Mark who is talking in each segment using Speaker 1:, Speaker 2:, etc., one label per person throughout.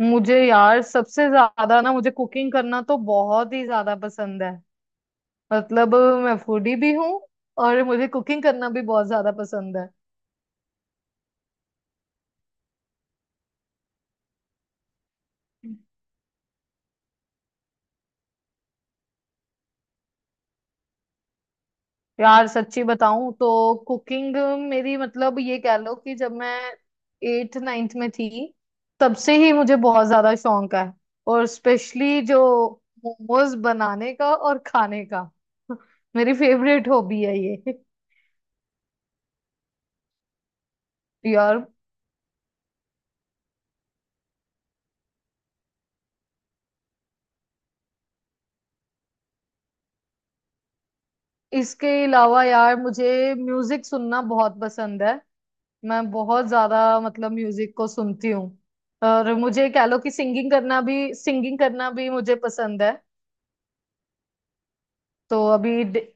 Speaker 1: मुझे यार सबसे ज्यादा ना मुझे कुकिंग करना तो बहुत ही ज्यादा पसंद है। मतलब, मैं फूडी भी हूँ, और मुझे कुकिंग करना भी बहुत ज्यादा पसंद है। यार सच्ची बताऊं तो कुकिंग मेरी, मतलब, ये कह लो कि जब मैं एट नाइन्थ में थी, तब से ही मुझे बहुत ज्यादा शौक है, और स्पेशली जो मोमोज बनाने का और खाने का मेरी फेवरेट हॉबी है ये। यार, इसके अलावा, यार, मुझे म्यूजिक सुनना बहुत पसंद है। मैं बहुत ज्यादा, मतलब, म्यूजिक को सुनती हूँ, और मुझे कह लो कि सिंगिंग करना भी मुझे पसंद है। तो अभी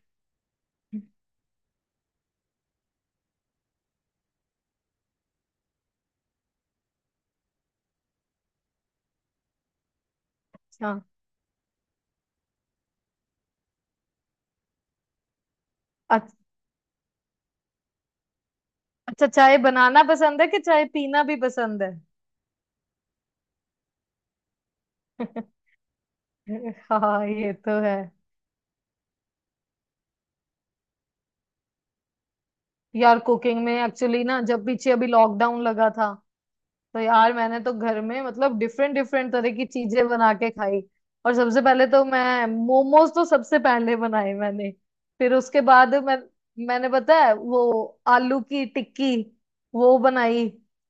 Speaker 1: हाँ। अच- अच्छा, चाय बनाना पसंद है कि चाय पीना भी पसंद है? हाँ, ये तो है। यार, कुकिंग में एक्चुअली ना, जब पीछे अभी लॉकडाउन लगा था, तो यार मैंने तो घर में, मतलब, डिफरेंट डिफरेंट तरह की चीजें बना के खाई। और सबसे पहले तो मैं मोमोज तो सबसे पहले बनाए मैंने। फिर उसके बाद मैंने पता है वो, आलू की टिक्की, वो बनाई।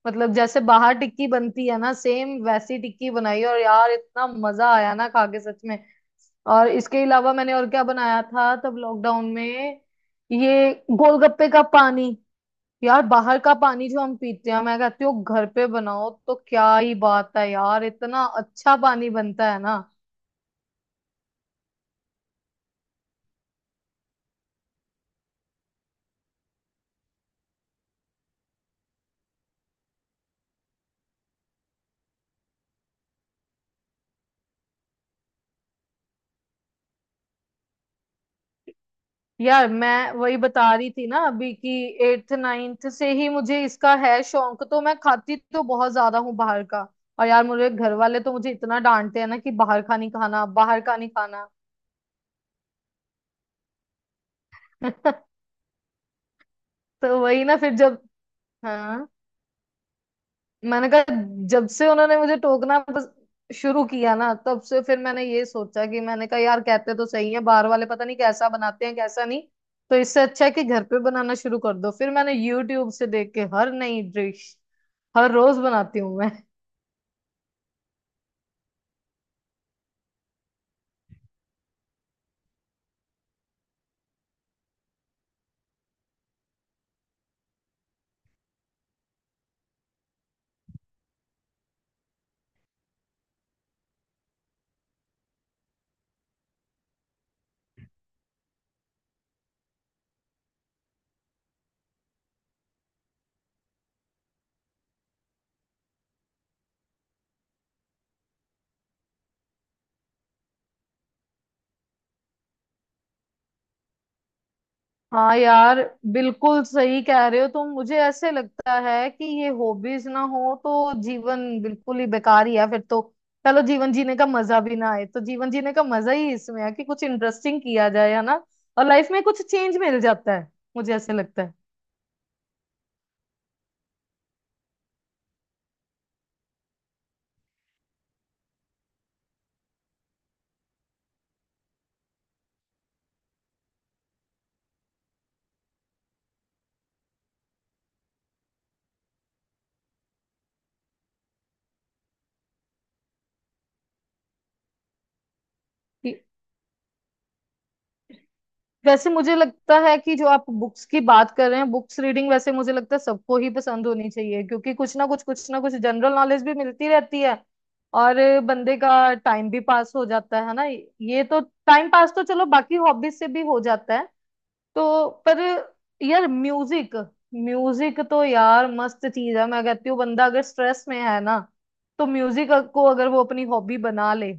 Speaker 1: मतलब, जैसे बाहर टिक्की बनती है ना, सेम वैसी टिक्की बनाई, और यार इतना मजा आया ना खा के, सच में। और इसके अलावा मैंने और क्या बनाया था तब लॉकडाउन में? ये गोलगप्पे का पानी। यार बाहर का पानी जो हम पीते हैं, मैं कहती हूँ घर पे बनाओ तो क्या ही बात है। यार इतना अच्छा पानी बनता है ना। यार मैं वही बता रही थी ना अभी, कि एट्थ नाइन्थ से ही मुझे इसका है शौक। तो मैं खाती तो बहुत ज्यादा हूँ बाहर का, और यार मेरे घर वाले तो मुझे इतना डांटते हैं ना कि बाहर का नहीं खाना, बाहर का नहीं खाना। तो वही ना, फिर जब, हाँ, मैंने कहा, जब से उन्होंने मुझे टोकना बस शुरू किया ना, तब से फिर मैंने ये सोचा कि, मैंने कहा, यार कहते तो सही है बाहर वाले, पता नहीं कैसा बनाते हैं कैसा नहीं। तो इससे अच्छा है कि घर पे बनाना शुरू कर दो। फिर मैंने यूट्यूब से देख के हर नई डिश हर रोज बनाती हूँ मैं। हाँ यार, बिल्कुल सही कह रहे हो तुम। मुझे ऐसे लगता है कि ये हॉबीज ना हो तो जीवन बिल्कुल ही बेकार ही है फिर तो। चलो जीवन जीने का मजा भी ना आए, तो जीवन जीने का मजा ही इसमें है कि कुछ इंटरेस्टिंग किया जाए, है ना। और लाइफ में कुछ चेंज मिल जाता है। मुझे ऐसे लगता है। वैसे मुझे लगता है कि जो आप बुक्स की बात कर रहे हैं, बुक्स रीडिंग, वैसे मुझे लगता है सबको ही पसंद होनी चाहिए, क्योंकि कुछ ना कुछ जनरल नॉलेज भी मिलती रहती है। और बंदे का टाइम भी पास हो जाता है ना ये तो। टाइम पास तो चलो बाकी हॉबीज से भी हो जाता है, तो पर, यार, म्यूजिक म्यूजिक तो यार मस्त चीज है। मैं कहती हूँ बंदा अगर स्ट्रेस में है ना, तो म्यूजिक को अगर वो अपनी हॉबी बना ले,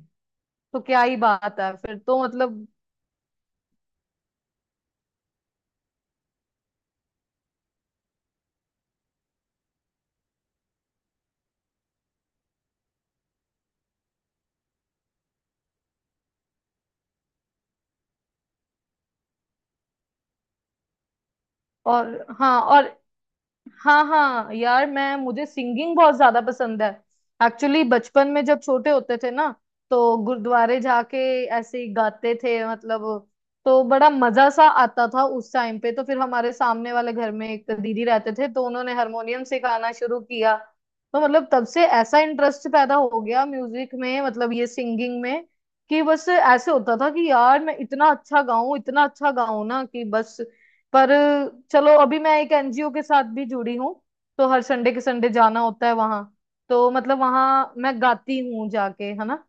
Speaker 1: तो क्या ही बात है फिर तो, मतलब। और हाँ, और हाँ हाँ यार, मैं मुझे सिंगिंग बहुत ज्यादा पसंद है। एक्चुअली बचपन में, जब छोटे होते थे ना, तो गुरुद्वारे जाके ऐसे ही गाते थे, मतलब। तो बड़ा मजा सा आता था उस टाइम पे। तो फिर हमारे सामने वाले घर में एक दीदी रहते थे, तो उन्होंने हारमोनियम सिखाना शुरू किया। तो मतलब तब से ऐसा इंटरेस्ट पैदा हो गया म्यूजिक में, मतलब ये सिंगिंग में, कि बस ऐसे होता था कि यार मैं इतना अच्छा गाऊं, इतना अच्छा गाऊं ना, कि बस। पर चलो अभी मैं एक एनजीओ के साथ भी जुड़ी हूँ, तो हर संडे के संडे जाना होता है वहां। तो मतलब वहां मैं गाती हूँ जाके, है ना।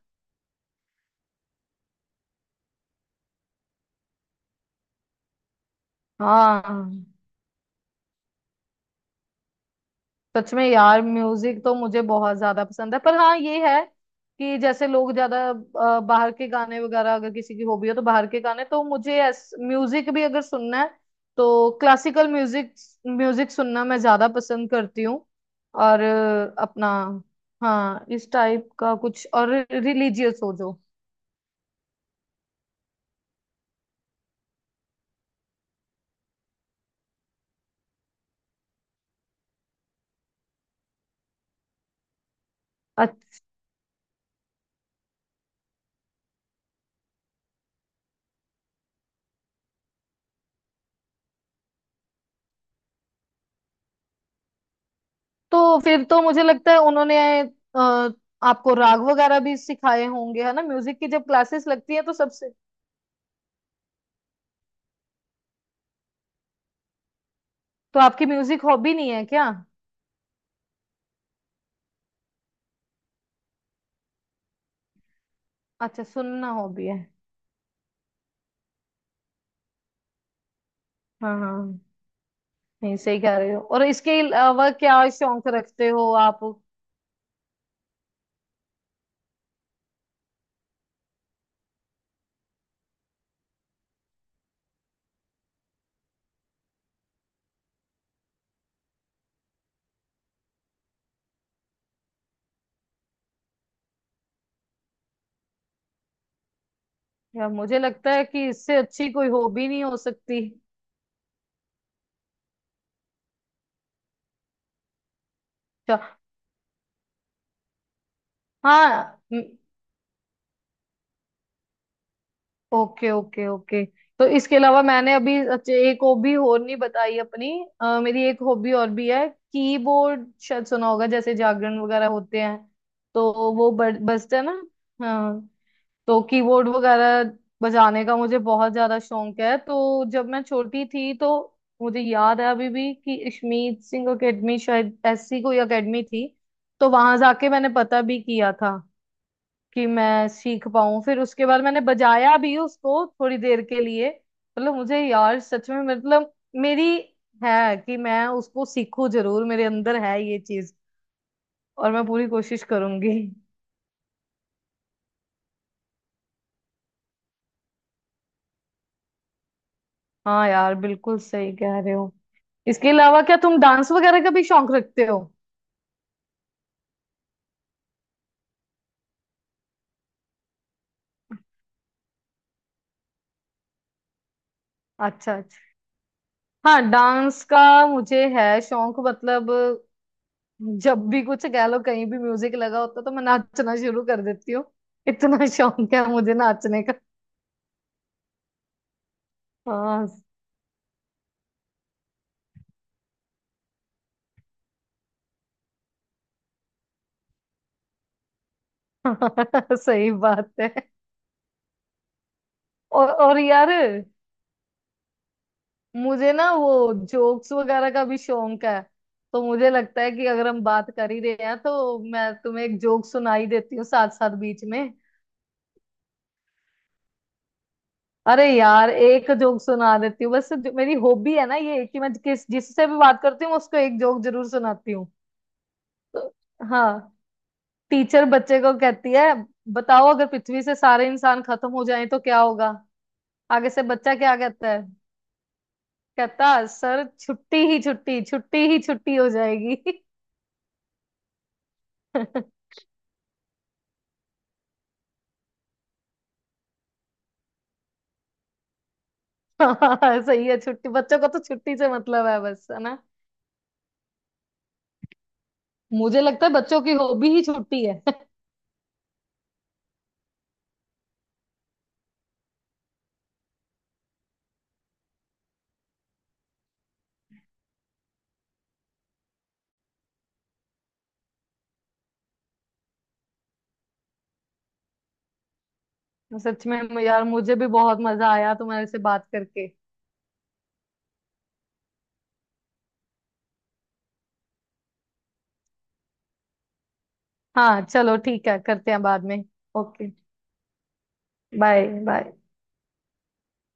Speaker 1: हाँ, सच में यार, म्यूजिक तो मुझे बहुत ज्यादा पसंद है, पर हाँ ये है, कि जैसे लोग ज्यादा बाहर के गाने वगैरह, अगर किसी की हॉबी हो तो, बाहर के गाने तो मुझे, म्यूजिक भी अगर सुनना है, तो क्लासिकल म्यूजिक म्यूजिक सुनना मैं ज्यादा पसंद करती हूँ। और अपना, हाँ, इस टाइप का कुछ और रिलीजियस हो जो। अच्छ- तो फिर तो मुझे लगता है उन्होंने, आपको राग वगैरह भी सिखाए होंगे, है ना, म्यूजिक की जब क्लासेस लगती है तो सबसे। तो आपकी म्यूजिक हॉबी नहीं है क्या? अच्छा, सुनना हॉबी है। हाँ हाँ, नहीं, सही कह रहे हो। और इसके अलावा क्या शौक रखते हो आप? यार मुझे लगता है कि इससे अच्छी कोई हॉबी नहीं हो सकती। अच्छा। हाँ। Okay okay okay. तो इसके अलावा मैंने अभी, अच्छा, एक हॉबी और नहीं बताई अपनी। मेरी एक हॉबी और भी है। कीबोर्ड शायद सुना होगा, जैसे जागरण वगैरह होते हैं तो, वो बजता है ना। हाँ। तो कीबोर्ड वगैरह बजाने का मुझे बहुत ज्यादा शौक है। तो जब मैं छोटी थी, तो मुझे याद है अभी भी, कि अश्मीत सिंह एकेडमी, शायद ऐसी कोई एकेडमी थी, तो वहां जाके मैंने पता भी किया था कि मैं सीख पाऊं। फिर उसके बाद मैंने बजाया भी उसको थोड़ी देर के लिए, मतलब, मुझे यार सच में मतलब मेरी, है कि मैं उसको सीखूं जरूर, मेरे अंदर है ये चीज, और मैं पूरी कोशिश करूंगी। हाँ यार बिल्कुल सही कह रहे हो। इसके अलावा क्या तुम डांस वगैरह का भी शौक रखते हो? अच्छा अच्छा। हाँ, डांस का मुझे है शौक, मतलब, जब भी कुछ कह लो कहीं भी म्यूजिक लगा होता, तो मैं नाचना शुरू कर देती हूँ। इतना शौक है मुझे नाचने का। हाँ, सही बात है। और यार, मुझे ना वो जोक्स वगैरह का भी शौक है, तो मुझे लगता है कि अगर हम बात कर ही रहे हैं, तो मैं तुम्हें एक जोक सुनाई देती हूँ, साथ साथ बीच में। अरे यार एक जोक सुना देती हूँ बस, मेरी हॉबी है ना ये, कि मैं किस जिससे भी बात करती हूँ, मैं उसको एक जोक जरूर सुनाती हूँ। तो, हाँ, टीचर बच्चे को कहती है, बताओ अगर पृथ्वी से सारे इंसान खत्म हो जाएं तो क्या होगा। आगे से बच्चा क्या कहता है? कहता, सर छुट्टी ही छुट्टी, छुट्टी ही छुट्टी हो जाएगी। हाँ सही है, छुट्टी, बच्चों का तो छुट्टी से मतलब है बस, है ना। मुझे लगता है बच्चों की हॉबी ही छुट्टी है। सच में यार मुझे भी बहुत मजा आया तुम्हारे से बात करके। हाँ चलो ठीक है, करते हैं बाद में। ओके। Bye bye.